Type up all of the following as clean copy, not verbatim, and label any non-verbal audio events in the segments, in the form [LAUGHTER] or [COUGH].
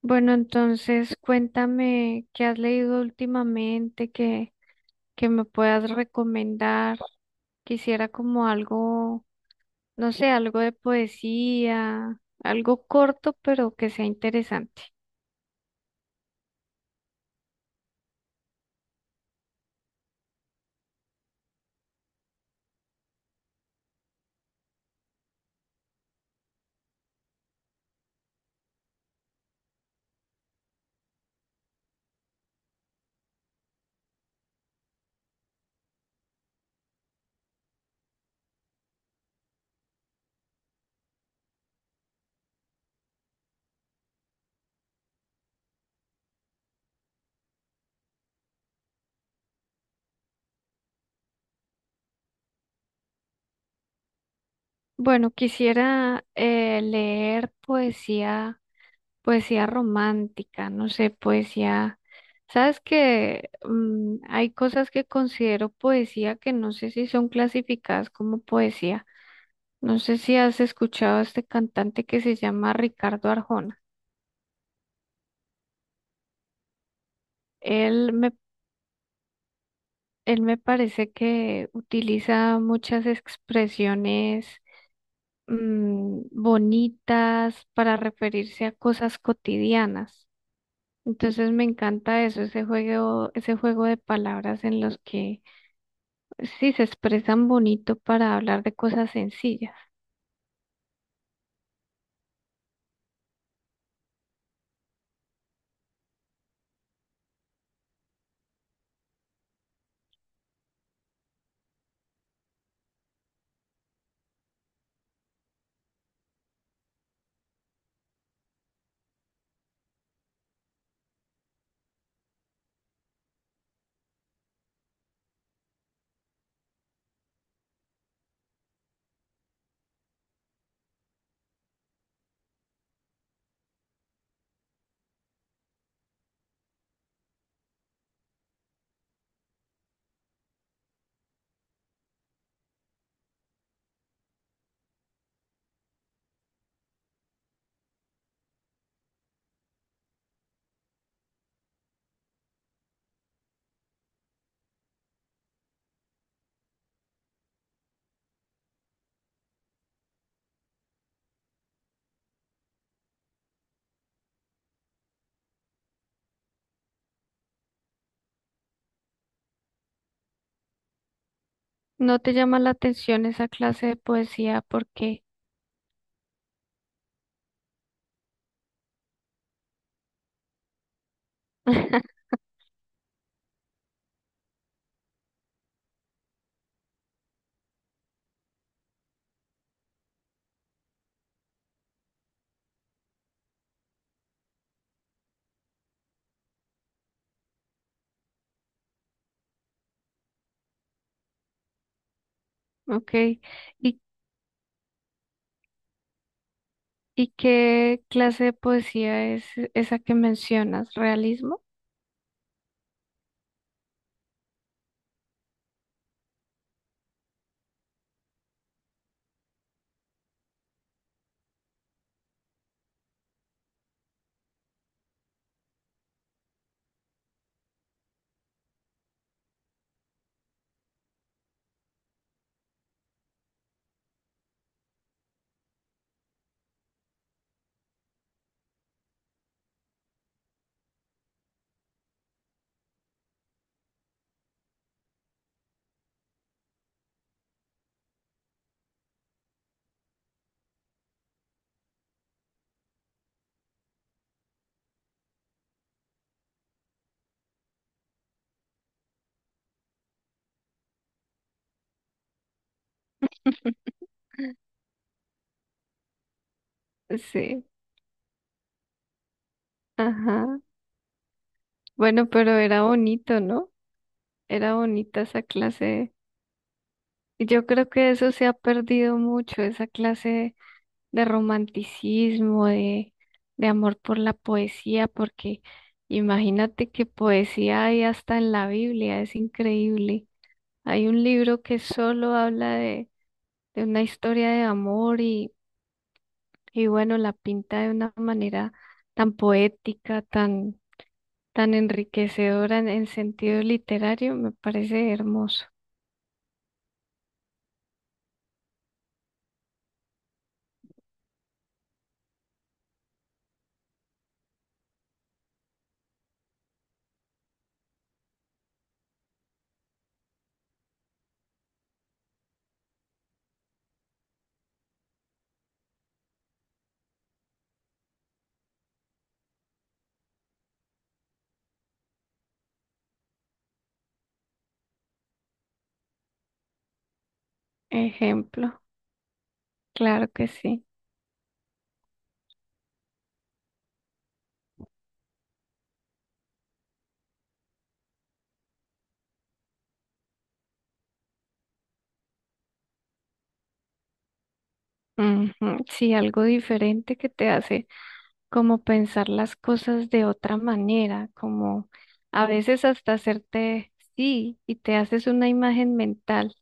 Bueno, entonces cuéntame qué has leído últimamente, que me puedas recomendar. Quisiera como algo, no sé, algo de poesía, algo corto, pero que sea interesante. Bueno, quisiera leer poesía, poesía romántica, no sé, poesía. Sabes que hay cosas que considero poesía que no sé si son clasificadas como poesía. No sé si has escuchado a este cantante que se llama Ricardo Arjona. Él me, él me parece que utiliza muchas expresiones bonitas para referirse a cosas cotidianas. Entonces me encanta eso, ese juego de palabras en los que pues sí se expresan bonito para hablar de cosas sencillas. ¿No te llama la atención esa clase de poesía? ¿Por qué? [LAUGHS] Ok. ¿Y ¿Y qué clase de poesía es esa que mencionas? ¿Realismo? Sí, ajá. Bueno, pero era bonito, ¿no? Era bonita esa clase. Y yo creo que eso se ha perdido mucho, esa clase de romanticismo, de amor por la poesía, porque imagínate que poesía hay hasta en la Biblia, es increíble. Hay un libro que solo habla de una historia de amor. Y bueno, la pinta de una manera tan poética, tan, tan enriquecedora en sentido literario, me parece hermoso. Ejemplo, claro que sí. Ujú, sí, algo diferente que te hace como pensar las cosas de otra manera, como a veces hasta hacerte sí y te haces una imagen mental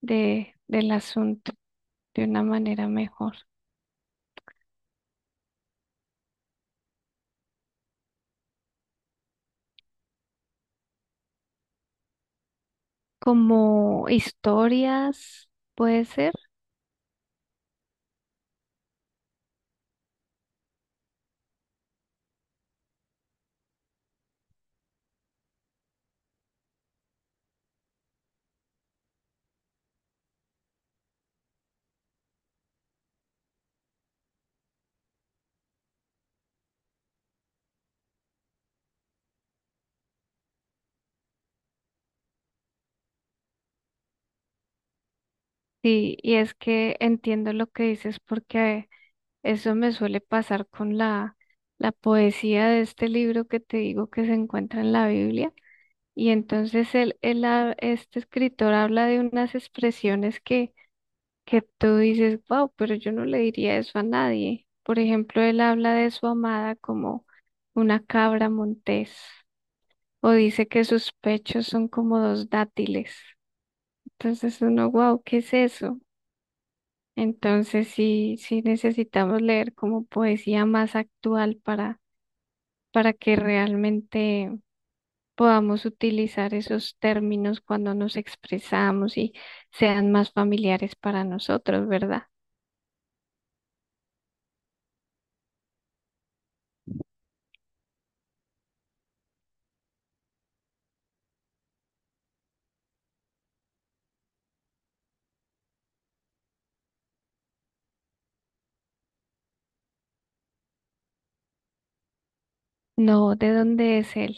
del asunto de una manera mejor. Como historias, puede ser. Sí, y es que entiendo lo que dices porque eso me suele pasar con la poesía de este libro que te digo que se encuentra en la Biblia. Y entonces este escritor habla de unas expresiones que tú dices, wow, pero yo no le diría eso a nadie. Por ejemplo, él habla de su amada como una cabra montés o dice que sus pechos son como dos dátiles. Entonces uno, wow, ¿qué es eso? Entonces sí, sí necesitamos leer como poesía más actual para que realmente podamos utilizar esos términos cuando nos expresamos y sean más familiares para nosotros, ¿verdad? No, ¿de dónde es él?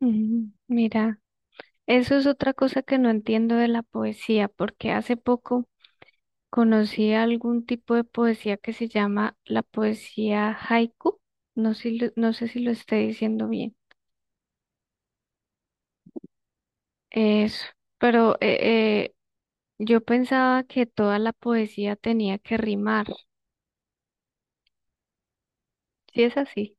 Mm, mira, eso es otra cosa que no entiendo de la poesía, porque hace poco conocí algún tipo de poesía que se llama la poesía haiku. No sé, no sé si lo estoy diciendo bien. Eso, pero yo pensaba que toda la poesía tenía que rimar. ¿Sí es así?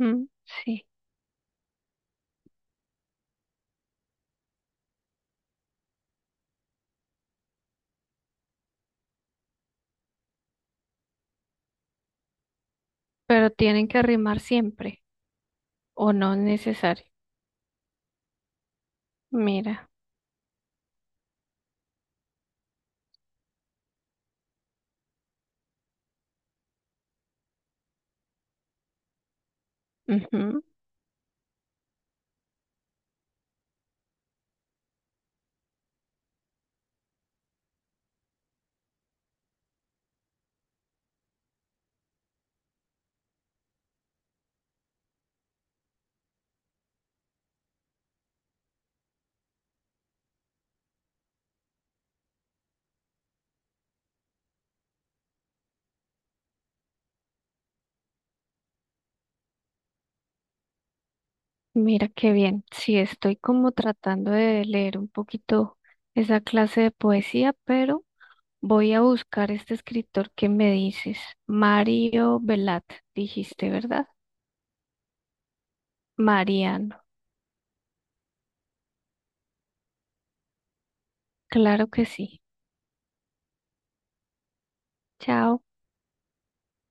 Ujú, sí, pero ¿tienen que rimar siempre, o no es necesario? Mira, ujú, mira qué bien. Sí, estoy como tratando de leer un poquito esa clase de poesía, pero voy a buscar este escritor que me dices, Mario Velat, dijiste, ¿verdad? Mariano, claro que sí. Chao.